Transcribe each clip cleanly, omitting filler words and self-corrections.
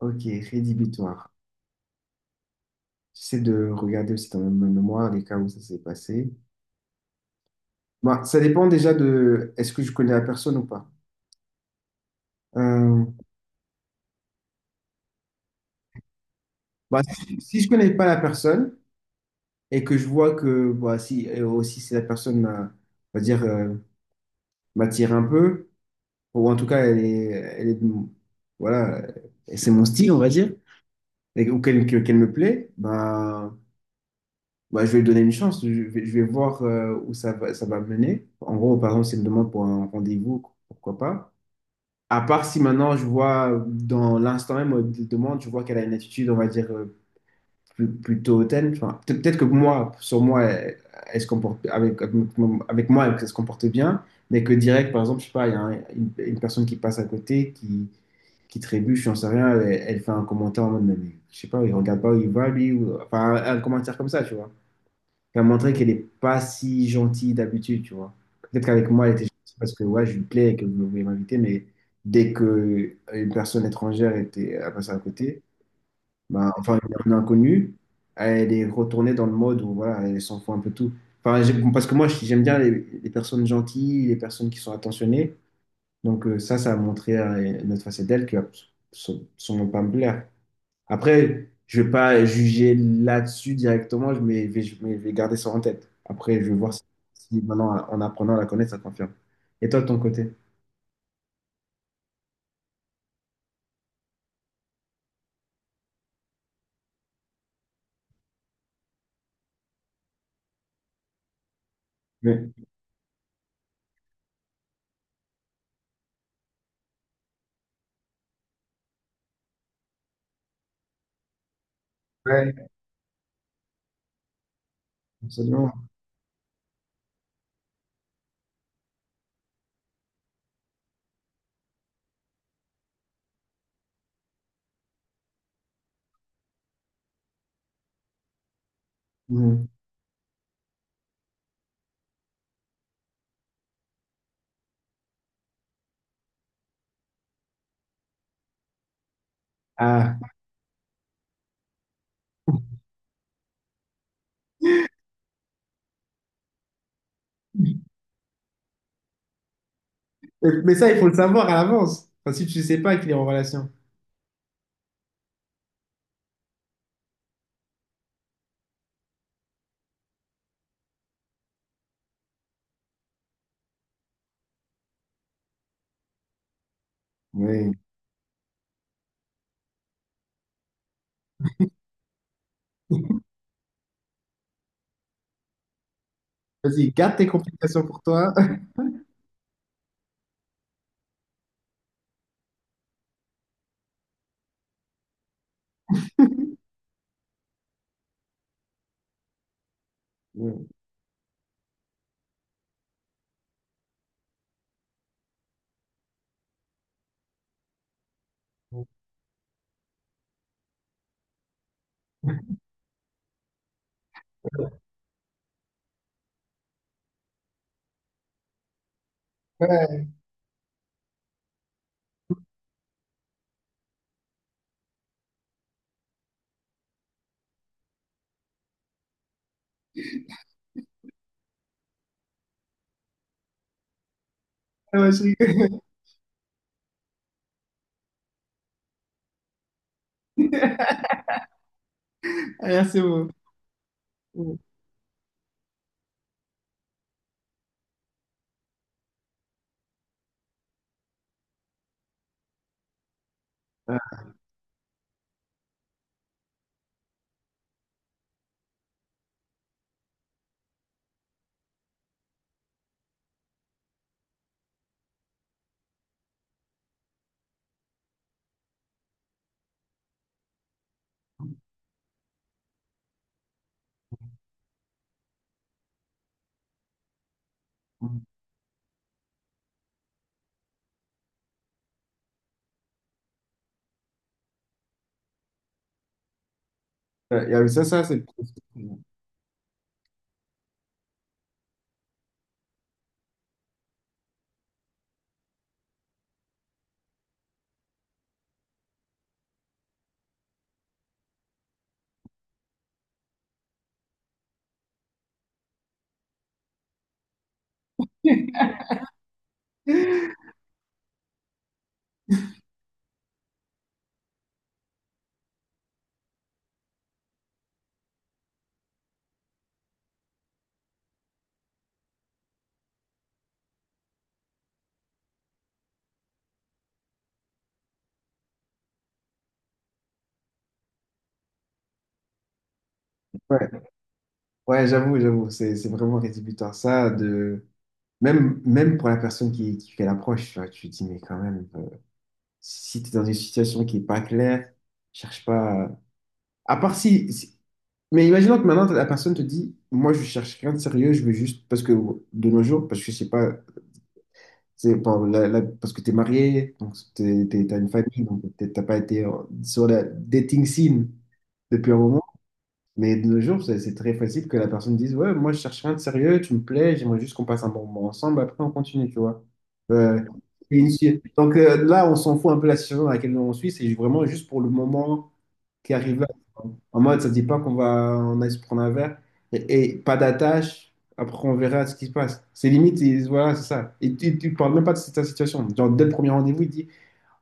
Ok, rédhibitoire. J'essaie de regarder aussi dans ma mémoire les cas où ça s'est passé. Bah, ça dépend déjà de est-ce que je connais la personne ou pas. Euh, si je connais pas la personne et que je vois que bah, si, et aussi si la personne on va dire, m'attire un peu, ou en tout cas elle est de voilà, c'est mon style, on va dire, et, ou qu'elle me plaît, bah, je vais lui donner une chance. Je vais voir où ça va mener. En gros, par exemple, s'il me demande pour un rendez-vous, pourquoi pas. À part si maintenant je vois dans l'instant même de demande, je vois qu'elle a une attitude, on va dire, plutôt hautaine. Enfin, peut-être que moi, sur moi, elle, elle se comporte avec moi, elle se comporte bien, mais que direct, par exemple, je sais pas, il y a une personne qui passe à côté, qui trébuche, j'en sais rien, elle, elle fait un commentaire en mode, mais je sais pas, il regarde pas où il va, lui, ou, enfin, un commentaire comme ça, tu vois. Elle a montré qu'elle n'est pas si gentille d'habitude, tu vois. Peut-être qu'avec moi, elle était gentille parce que ouais, je lui plais et que vous voulez m'inviter, mais dès que une personne étrangère était à passer à côté, bah, enfin, une inconnue, elle est retournée dans le mode où voilà, elle s'en fout un peu de tout. Enfin, parce que moi, j'aime bien les personnes gentilles, les personnes qui sont attentionnées. Donc ça, ça a montré une autre facette d'elle qui va s- sûrement pas me plaire. Après, je vais pas juger là-dessus directement, je mais je vais garder ça en tête. Après, je vais voir si, si maintenant, en apprenant à la connaître, ça confirme. Et toi, de ton côté? Oui. Ouais, absolument. Mhm. Ah. Mais ça, il faut le savoir à l'avance. Enfin, si tu ne sais pas qu'il est en relation. Oui. Vas-y, garde tes complications pour toi. Oui. Ouais, ouais, je rigole. Ah, c'est beau. Ouais. Ouais, ça, ça, c'est… Ouais, ouais, j'avoue, c'est vraiment rédhibitoire. Ça, de… Même, même pour la personne qui fait l'approche, tu vois, tu te dis, mais quand même, si tu es dans une situation qui n'est pas claire, cherche pas. À part si. Mais imaginons que maintenant, la personne te dit, moi, je cherche rien de sérieux, je veux juste. Parce que de nos jours, parce que je sais pas, c'est bon, parce que tu es marié, donc tu as une famille, donc peut-être t'as pas été sur la dating scene depuis un moment. Mais de nos jours, c'est très facile que la personne dise, ouais, moi je cherche rien de sérieux, tu me plais, j'aimerais juste qu'on passe un bon moment ensemble, après on continue, tu vois. Euh, et donc là, on s'en fout un peu de la situation dans laquelle on suit, c'est vraiment juste pour le moment qui arrive là. En mode, ça ne dit pas qu'on va on aille se prendre un verre et pas d'attache, après on verra ce qui se passe. C'est limite, et voilà, c'est ça. Et tu ne parles même pas de ta situation. Genre, dès le premier rendez-vous, il dit,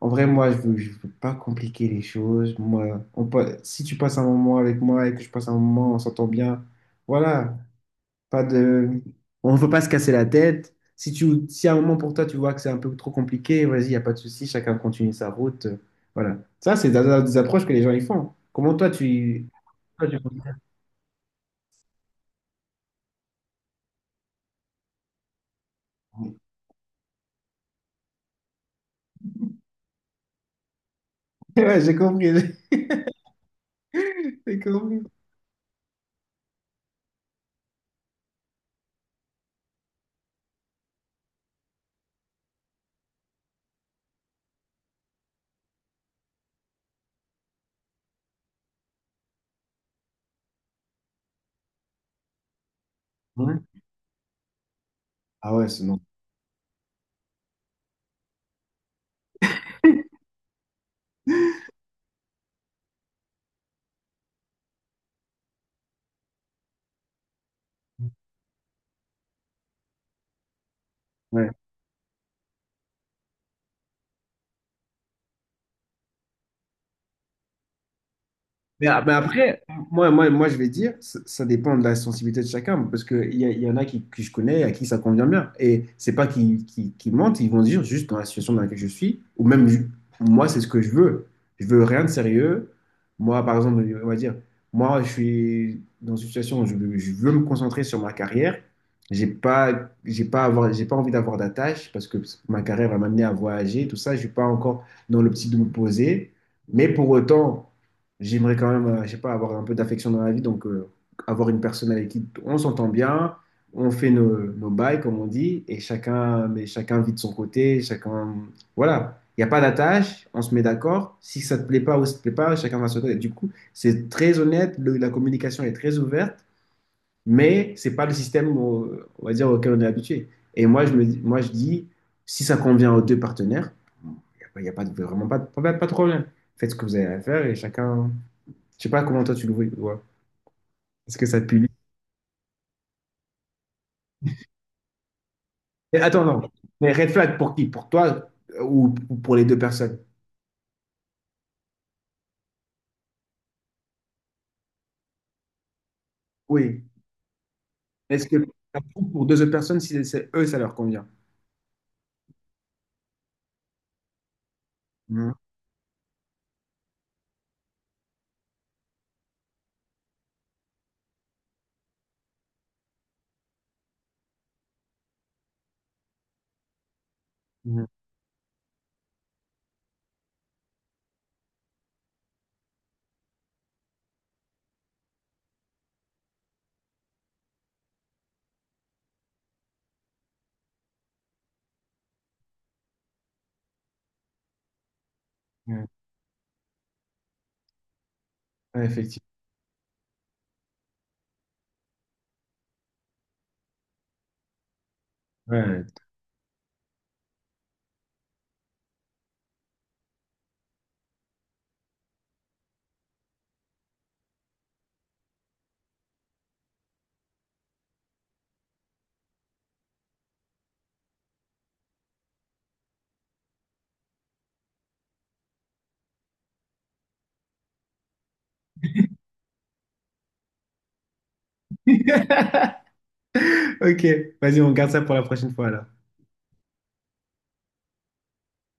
en vrai, moi, je veux pas compliquer les choses. Moi, on peut, si tu passes un moment avec moi et que je passe un moment, on s'entend bien. Voilà, pas de, on veut pas se casser la tête. Si tu, si à un moment pour toi, tu vois que c'est un peu trop compliqué, vas-y, y a pas de souci, chacun continue sa route. Voilà. Ça, c'est des approches que les gens ils font. Comment toi, tu… Ouais, j'ai compris, j'ai compris. Hein. Ah ouais, c'est non. Ah, mais après, moi, je vais dire, ça dépend de la sensibilité de chacun, parce qu'il y, il y en a qui, que je connais à qui ça convient bien. Et c'est pas qu'ils mentent, ils vont dire juste dans la situation dans laquelle je suis, ou même moi, c'est ce que je veux. Je veux rien de sérieux. Moi, par exemple, on va dire, moi, je suis dans une situation où je veux me concentrer sur ma carrière. J'ai pas à avoir, j'ai pas envie d'avoir d'attache parce que ma carrière va m'amener à voyager, tout ça. Je suis pas encore dans l'optique de me poser. Mais pour autant, j'aimerais quand même, je sais pas, avoir un peu d'affection dans la vie, donc avoir une personne avec qui on s'entend bien, on fait nos, nos bails, comme on dit, et chacun, mais chacun vit de son côté, chacun, voilà. Il n'y a pas d'attache, on se met d'accord. Si ça te plaît pas ou ça te plaît pas, chacun va se dire. Du coup, c'est très honnête, la communication est très ouverte, mais c'est pas le système, on va dire, auquel on est habitué. Et moi, moi, je dis, si ça convient aux deux partenaires, il n'y a, pas- y a pas vraiment pas de problème. Faites ce que vous avez à faire et chacun. Je sais pas comment toi tu le vois. Tu vois. Est-ce que ça te punit? Mais attends, non. Mais red flag pour qui? Pour toi ou pour les deux personnes? Oui. Est-ce que ça compte pour deux autres personnes, si c'est eux, ça leur convient? Mhm. Mhm. Ouais, effectivement. Ouais. Ok, vas-y, on garde ça pour la prochaine fois alors.